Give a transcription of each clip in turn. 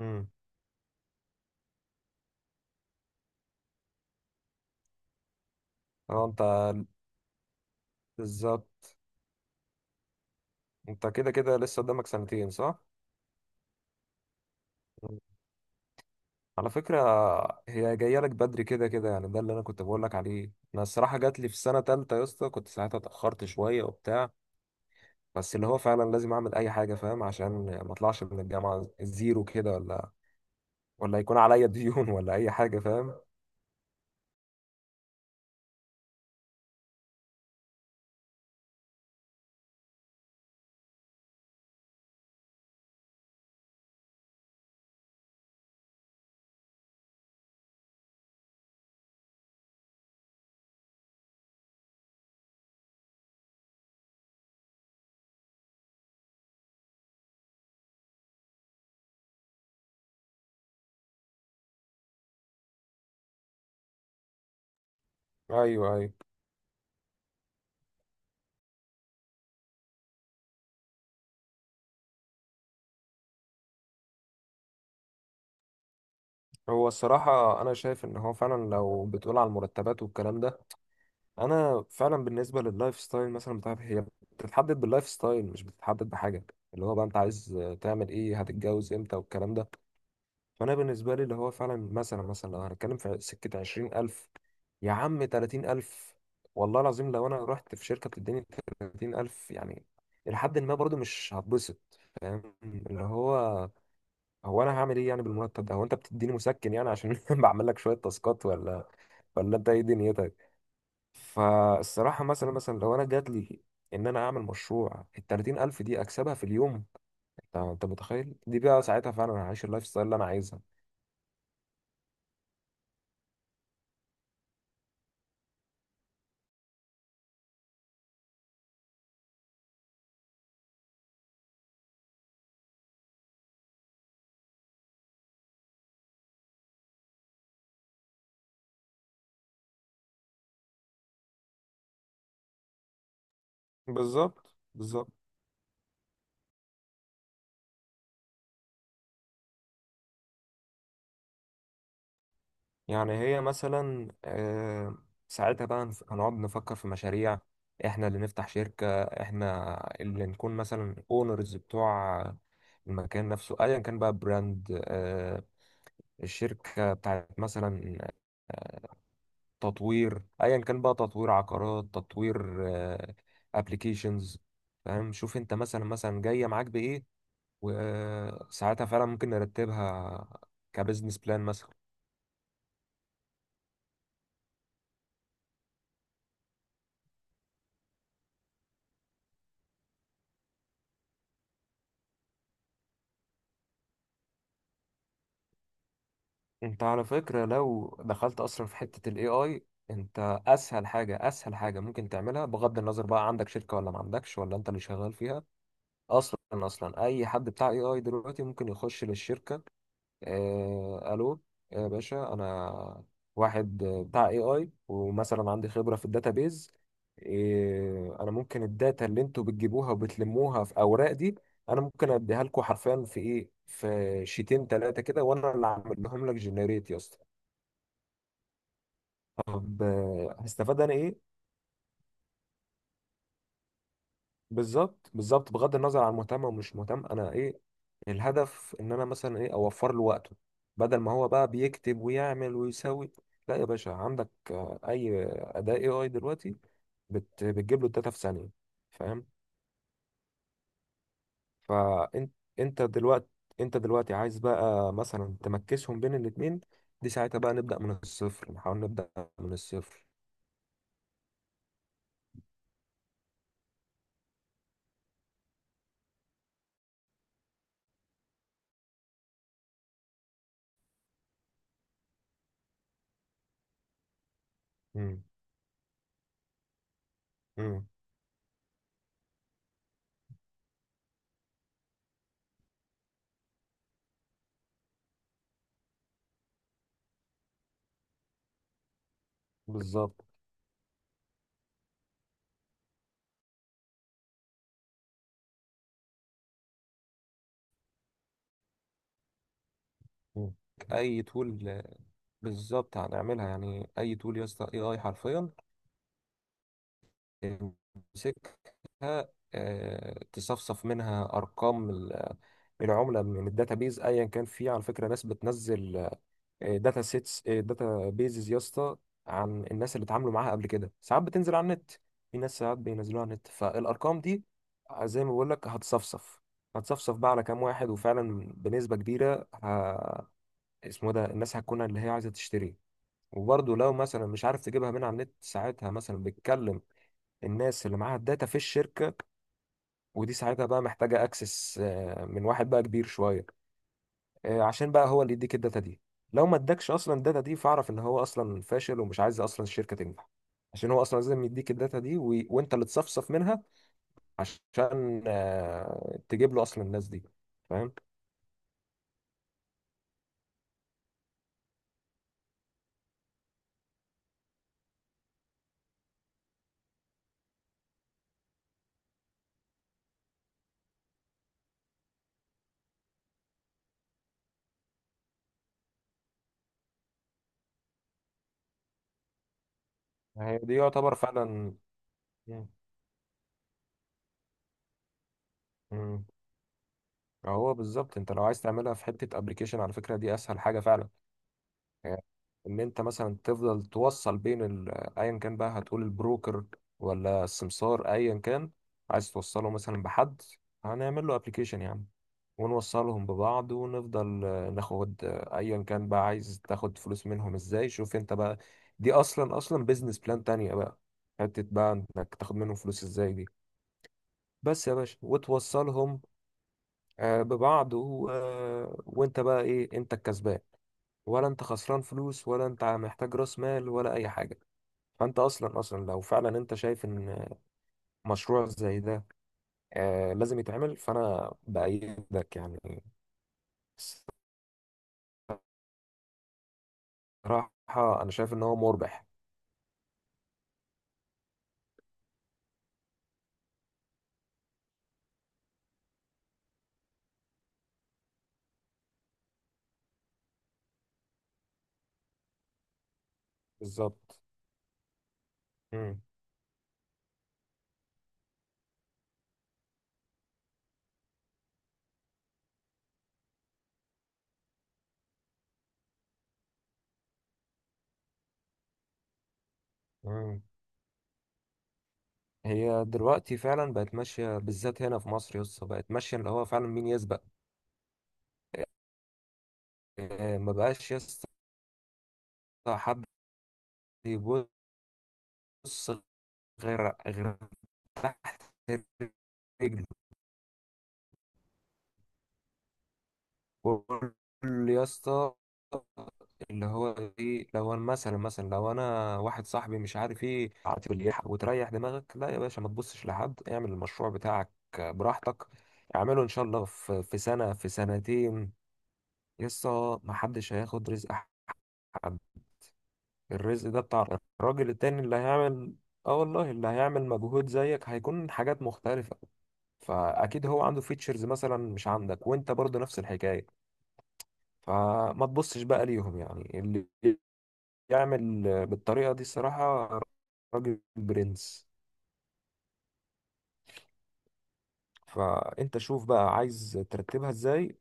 امم. اه، انت بالظبط. انت كده كده لسه قدامك سنتين، صح؟ مم. على فكرة، هي جاية لك بدري كده كده، يعني ده اللي انا كنت بقول لك عليه. انا الصراحة جات لي في سنة تالتة يا اسطى، كنت ساعتها اتأخرت شوية وبتاع. بس اللي هو فعلا لازم اعمل اي حاجة، فاهم؟ عشان ما اطلعش من الجامعة زيرو كده، ولا ولا يكون عليا ديون ولا اي حاجة، فاهم؟ ايوه، ايوه. هو الصراحة انا شايف ان هو فعلا، لو بتقول على المرتبات والكلام ده، انا فعلا بالنسبه لللايف ستايل مثلا بتاعتي هي بتتحدد باللايف ستايل، مش بتتحدد بحاجه اللي هو بقى انت عايز تعمل ايه، هتتجوز امتى والكلام ده. فانا بالنسبه لي اللي هو فعلا مثلا مثلا، لو هنتكلم في سكه 20,000، يا عم 30,000، والله العظيم لو انا رحت في شركه بتديني 30,000 يعني، لحد ما برضو مش هتبسط، فاهم؟ اللي هو هو انا هعمل ايه يعني بالمرتب ده؟ هو انت بتديني مسكن يعني عشان بعمل لك شويه تاسكات، ولا ولا انت ايه دنيتك؟ فالصراحة مثلا مثلا لو أنا جات لي إن أنا أعمل مشروع الـ30,000 دي أكسبها في اليوم، أنت أنت متخيل؟ دي بقى ساعتها فعلا أنا هعيش اللايف ستايل اللي أنا عايزها. بالظبط، بالظبط. يعني هي مثلا ساعتها بقى هنقعد نفكر في مشاريع، احنا اللي نفتح شركة، احنا اللي نكون مثلا اونرز بتوع المكان نفسه ايا كان بقى براند، الشركة بتاعت مثلا تطوير، ايا كان بقى تطوير عقارات، تطوير ابلكيشنز. فاهم؟ شوف انت مثلا مثلا جايه معاك بايه، وساعتها فعلا ممكن نرتبها كبزنس بلان مثلا. انت على فكره، لو دخلت اصلا في حته الاي اي، انت اسهل حاجه، اسهل حاجه ممكن تعملها بغض النظر بقى عندك شركه ولا ما عندكش ولا انت اللي شغال فيها. اصلا اصلا اي حد بتاع اي اي دلوقتي ممكن يخش للشركه. الو يا باشا، انا واحد بتاع اي اي، ومثلا عندي خبره في الداتابيز، انا ممكن الداتا اللي انتوا بتجيبوها وبتلموها في اوراق دي، انا ممكن اديها لكم حرفيا في ايه، في شيتين ثلاثه كده، وانا اللي اعمل لهم لك جنريت يا اسطى. طب هستفاد انا ايه؟ بالظبط بالظبط، بغض النظر عن مهتم او مش مهتم، انا ايه الهدف؟ ان انا مثلا ايه، اوفر له وقته. بدل ما هو بقى بيكتب ويعمل ويسوي، لا يا باشا، عندك اي اداة اي اي دلوقتي بتجيب له الداتا في ثانية، فاهم؟ فانت، انت دلوقتي، انت دلوقتي عايز بقى مثلا تمكسهم بين الاتنين، دي ساعتها بقى نبدأ من الصفر، نحاول نبدأ من الصفر. امم. امم. بالظبط. مم. اي تول. بالظبط هنعملها يعني، اي تول يا اسطى، اي اي حرفيا تمسكها، تصفصف منها ارقام من عمله، من الداتابيز، ايا كان. في على فكره ناس بتنزل داتا سيتس، داتا بيزز يا اسطى، عن الناس اللي اتعاملوا معاها قبل كده. ساعات بتنزل على النت، في ناس ساعات بينزلوها على النت. فالارقام دي زي ما بقول لك هتصفصف، هتصفصف بقى على كام واحد، وفعلا بنسبه كبيره اسمه ده، الناس هتكون اللي هي عايزه تشتري. وبرضه لو مثلا مش عارف تجيبها من على النت، ساعتها مثلا بتكلم الناس اللي معاها الداتا في الشركة. ودي ساعتها بقى محتاجة اكسس من واحد بقى كبير شوية، عشان بقى هو اللي يديك الداتا دي. لو ما ادكش اصلا الداتا دي، فاعرف ان هو اصلا فاشل، ومش عايز اصلا الشركة تنجح، عشان هو اصلا لازم يديك الداتا دي وانت اللي تصفصف منها عشان تجيب له اصلا الناس دي، فاهم؟ هي دي يعتبر فعلا. مم. مم. هو بالظبط انت لو عايز تعملها في حتة ابلكيشن، على فكرة دي اسهل حاجة فعلا يعني، ان انت مثلا تفضل توصل بين ايا كان بقى هتقول البروكر، ولا السمسار ايا كان، عايز توصله مثلا بحد، هنعمل له ابلكيشن يعني، ونوصلهم ببعض، ونفضل ناخد، ايا كان بقى عايز تاخد فلوس منهم ازاي، شوف انت بقى. دي اصلا اصلا بيزنس بلان تانية بقى، حتة بقى انك تاخد منهم فلوس ازاي دي، بس يا باشا، وتوصلهم ببعض وانت بقى ايه، انت الكسبان ولا انت خسران فلوس، ولا انت محتاج راس مال، ولا اي حاجه. فانت اصلا اصلا لو فعلا انت شايف ان مشروع زي ده آه لازم يتعمل، فانا بايدك يعني. الصراحه انا شايف ان هو مربح. بالظبط. مم. مم. هي دلوقتي فعلا بقت ماشيه، بالذات هنا في مصر يسطا، بقت ماشيه اللي هو فعلا مين يسبق. آه، ما بقاش يسطا حد يبص غير تحت رجله. قول يا اسطى اللي هو ايه، لو انا مثلا مثلا لو انا واحد صاحبي مش عارف ايه عاطف اللي يلحق، وتريح دماغك، لا يا باشا ما تبصش لحد، اعمل المشروع بتاعك براحتك، اعمله ان شاء الله في سنة في سنتين، لسه ما حدش هياخد رزق حد، الرزق ده بتاع الراجل التاني اللي هيعمل. اه والله، اللي هيعمل مجهود زيك، هيكون حاجات مختلفة، فاكيد هو عنده فيتشرز مثلا مش عندك، وانت برضه نفس الحكاية. فما تبصش بقى ليهم، يعني اللي يعمل بالطريقة دي الصراحة، راجل برنس. فانت شوف بقى عايز ترتبها ازاي.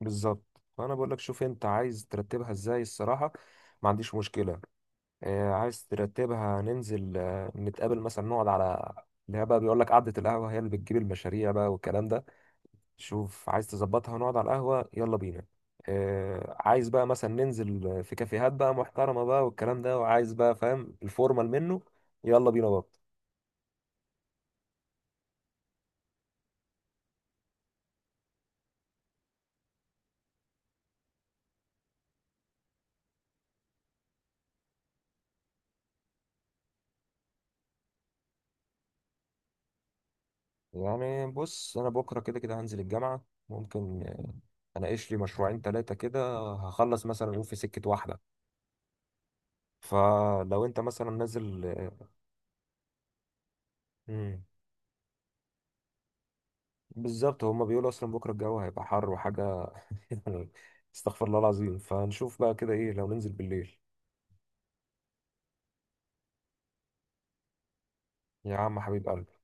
بالظبط. فانا بقول لك شوف انت عايز ترتبها ازاي، الصراحة ما عنديش مشكلة. عايز ترتبها ننزل نتقابل مثلا، نقعد على اللي هي بقى بيقول لك قعدة القهوة، هي اللي بتجيب المشاريع بقى والكلام ده، شوف عايز تظبطها ونقعد على القهوة، يلا بينا. آه عايز بقى مثلا ننزل في كافيهات بقى محترمة بقى والكلام ده، وعايز بقى فاهم الفورمال منه، يلا بينا برضه. يعني بص، أنا بكرة كده كده هنزل الجامعة، ممكن أناقش لي مشروعين تلاتة كده هخلص مثلا، يقول في سكة واحدة. فلو أنت مثلا نازل، مم، بالظبط. هما بيقولوا أصلا بكرة الجو هيبقى حر وحاجة يعني، استغفر الله العظيم. فنشوف بقى كده إيه، لو ننزل بالليل. يا عم حبيب قلبي.